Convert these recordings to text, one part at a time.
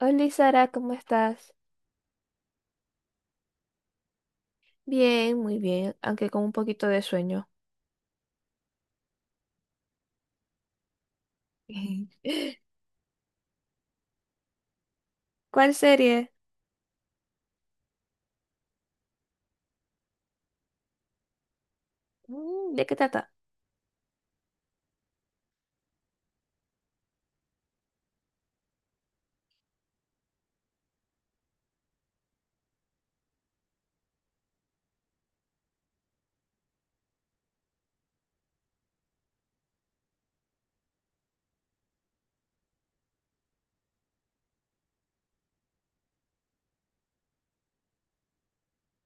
Hola Sara, ¿cómo estás? Bien, muy bien, aunque con un poquito de sueño. ¿Cuál serie? Mm, ¿de qué trata?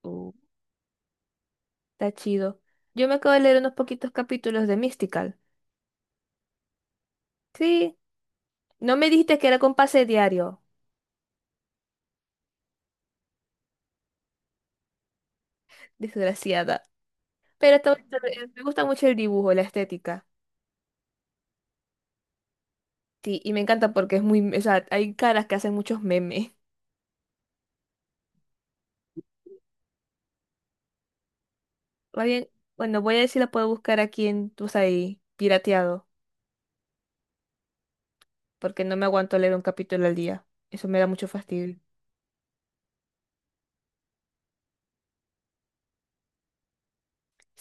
Uh, Está chido. Yo me acabo de leer unos poquitos capítulos de Mystical. Sí, no me dijiste que era con pase diario, desgraciada. Pero está bonito, me gusta mucho el dibujo, la estética. Sí, y me encanta porque es muy, o sea, hay caras que hacen muchos memes. Va bien, bueno, voy a ver si la puedo buscar aquí en, tú sabes, ahí, pirateado, porque no me aguanto leer un capítulo al día. Eso me da mucho fastidio.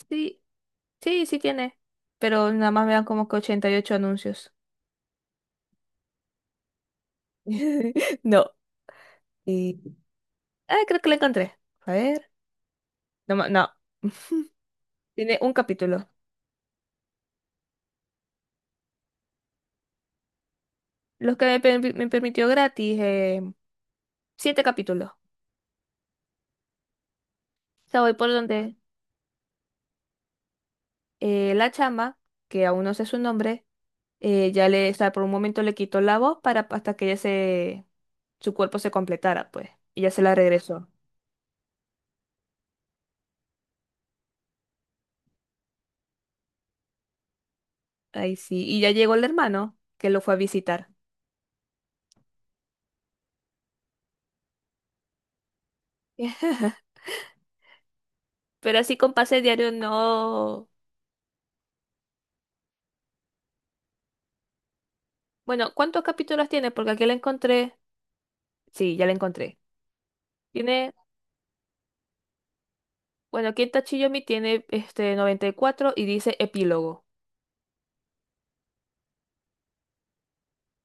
Sí, sí, sí tiene. Pero nada más me dan como que 88 anuncios. No. eh, Ah, creo que la encontré. A ver. No, tiene un capítulo. Los que me permitió gratis, siete capítulos. O sea, voy por donde la chama, que aún no sé su nombre, ya le, o sea, por un momento le quitó la voz para hasta que ella se, su cuerpo se completara, pues. Y ya se la regresó. Ahí sí. Y ya llegó el hermano que lo fue a visitar. Pero así con pase diario no. Bueno, ¿cuántos capítulos tiene? Porque aquí la encontré. Sí, ya la encontré. Tiene, bueno, aquí en Tachiyomi tiene este 94 y dice epílogo.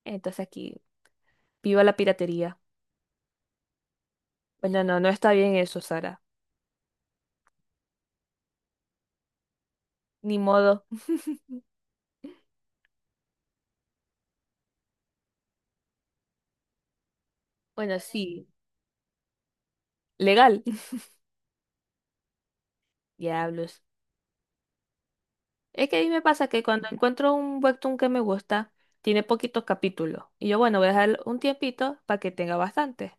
Entonces aquí, viva la piratería. Bueno, no, no está bien eso, Sara. Ni modo. Bueno, sí, legal. Diablos. Es que a mí me pasa que cuando encuentro un webtoon que me gusta, tiene poquitos capítulos. Y yo, bueno, voy a dejar un tiempito para que tenga bastante.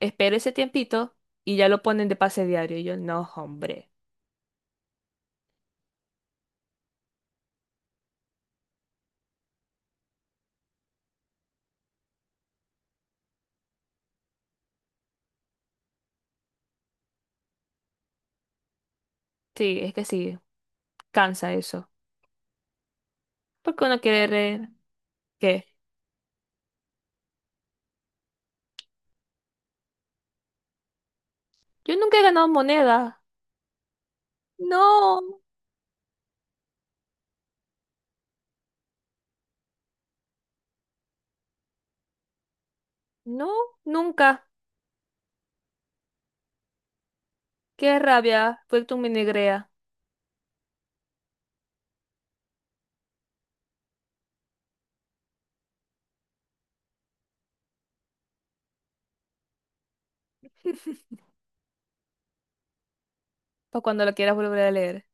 Espero ese tiempito y ya lo ponen de pase diario. Y yo, no, hombre. Sí, es que sí, cansa eso. Porque uno quiere ¿qué? Yo nunca he ganado moneda. No, no, nunca. Qué rabia, fue tu minigrea, para cuando lo quieras volver a leer.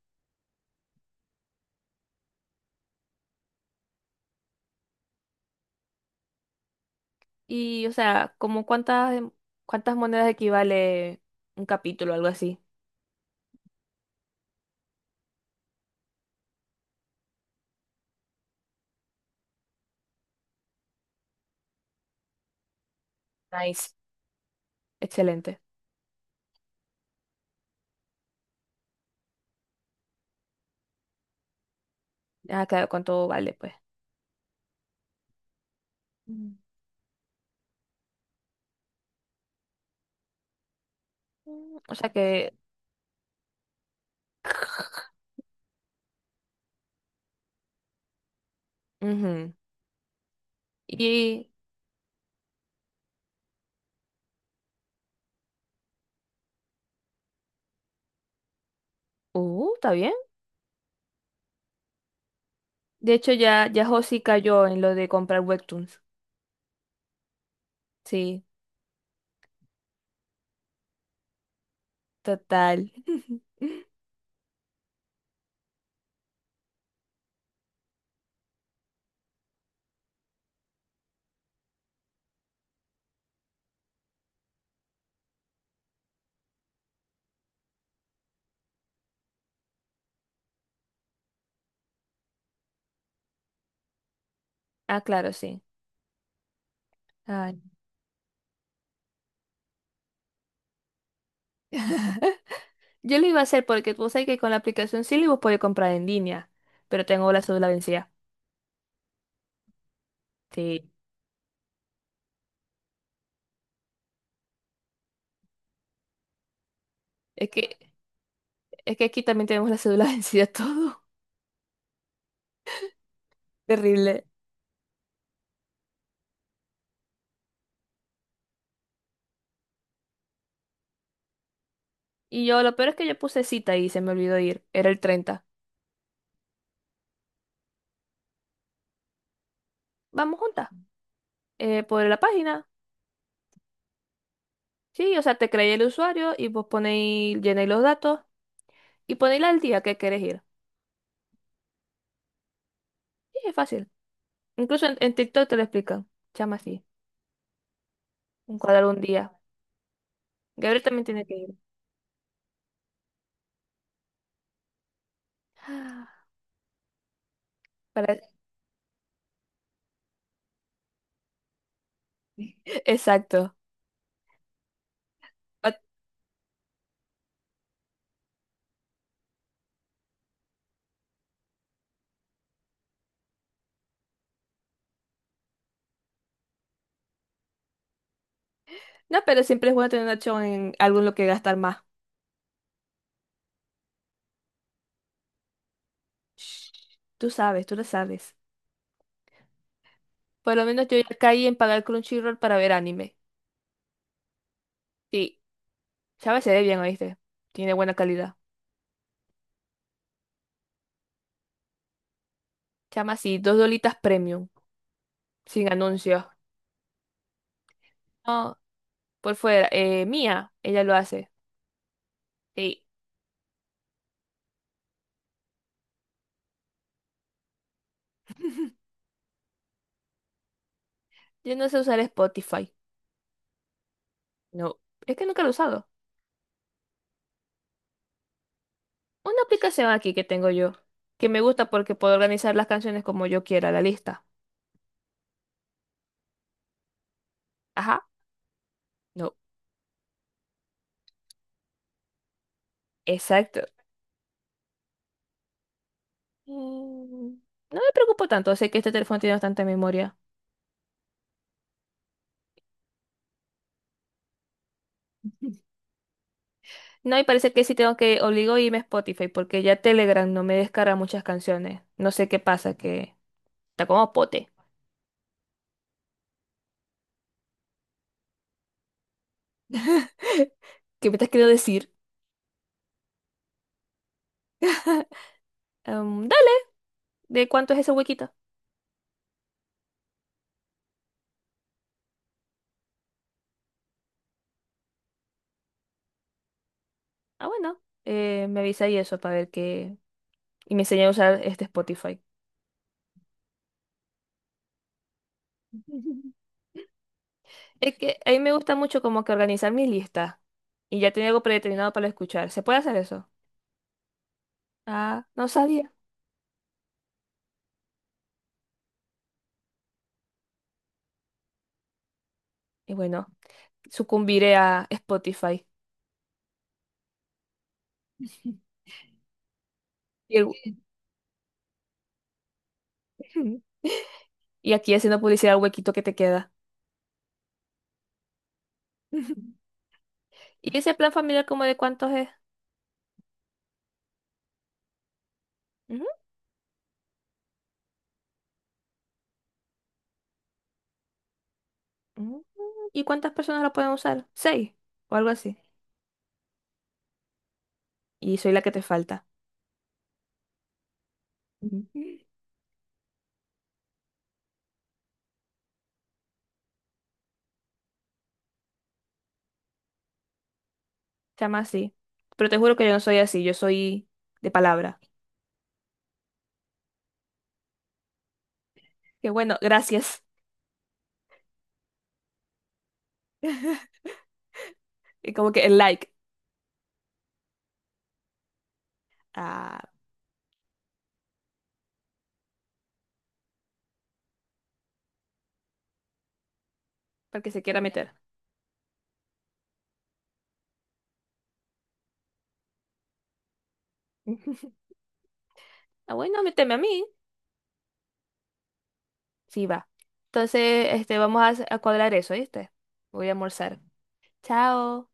Y, o sea, como cuántas, cuántas monedas equivale un capítulo, algo así. Nice. Excelente. Ah, claro, cuánto vale, pues. Mm. Mm, o sea que, ujú. Y, está bien. De hecho, ya Josie cayó en lo de comprar webtoons. Sí. Total. Ah, claro, sí. Ay. Yo lo iba a hacer porque tú sabes que con la aplicación Silly vos podés comprar en línea, pero tengo la cédula vencida. Sí. Es que, es que aquí también tenemos la cédula vencida todo. Terrible. Y yo, lo peor es que yo puse cita y se me olvidó ir. Era el 30. Vamos juntas. Por la página. Sí, o sea, te creáis el usuario y vos ponéis, llenáis los datos y ponéis al día que querés ir. Sí, es fácil. Incluso en TikTok te lo explican. Chama así. Un cuadro un día. Gabriel también tiene que ir. Para... Exacto. Pa- No, pero siempre es bueno tener una opción en algo en lo que gastar más. Shh, tú sabes, tú lo sabes. Por lo menos yo ya caí en pagar Crunchyroll para ver anime. Sí, sabes, se ve bien, ¿oíste? Tiene buena calidad. Chama así, dos dolitas premium, sin anuncios. No, por fuera. Mía, ella lo hace. Sí. Yo no sé usar Spotify. No, es que nunca lo he usado. Una aplicación aquí que tengo yo, que me gusta porque puedo organizar las canciones como yo quiera, la lista. Ajá. No. Exacto. Mm, no me preocupo tanto, sé que este teléfono tiene bastante memoria. No, y parece que sí tengo que obligo a irme a Spotify porque ya Telegram no me descarga muchas canciones. No sé qué pasa, que está como pote. ¿Qué me estás queriendo decir? Dale, ¿de cuánto es ese huequito? Ah, bueno, me avisa y eso para ver qué. Y me enseña a usar este Spotify. Es que a mí me gusta mucho como que organizar mis listas y ya tenía algo predeterminado para escuchar. ¿Se puede hacer eso? Ah, no sabía. Y bueno, sucumbiré a Spotify. Y, el- y aquí haciendo publicidad al huequito que te queda. ¿Y ese plan familiar como de cuántos es? Ujú, ujú. ¿Y cuántas personas lo pueden usar? Seis o algo así. Y soy la que te falta. Ujú. Se llama así. Pero te juro que yo no soy así, yo soy de palabra. Que bueno, gracias. Y como que el like. Ah, para el que se quiera meter. Ujú. Ah, bueno, méteme a mí. Sí, va. Entonces, este, a cuadrar eso, ¿viste? Voy a almorzar. Chao.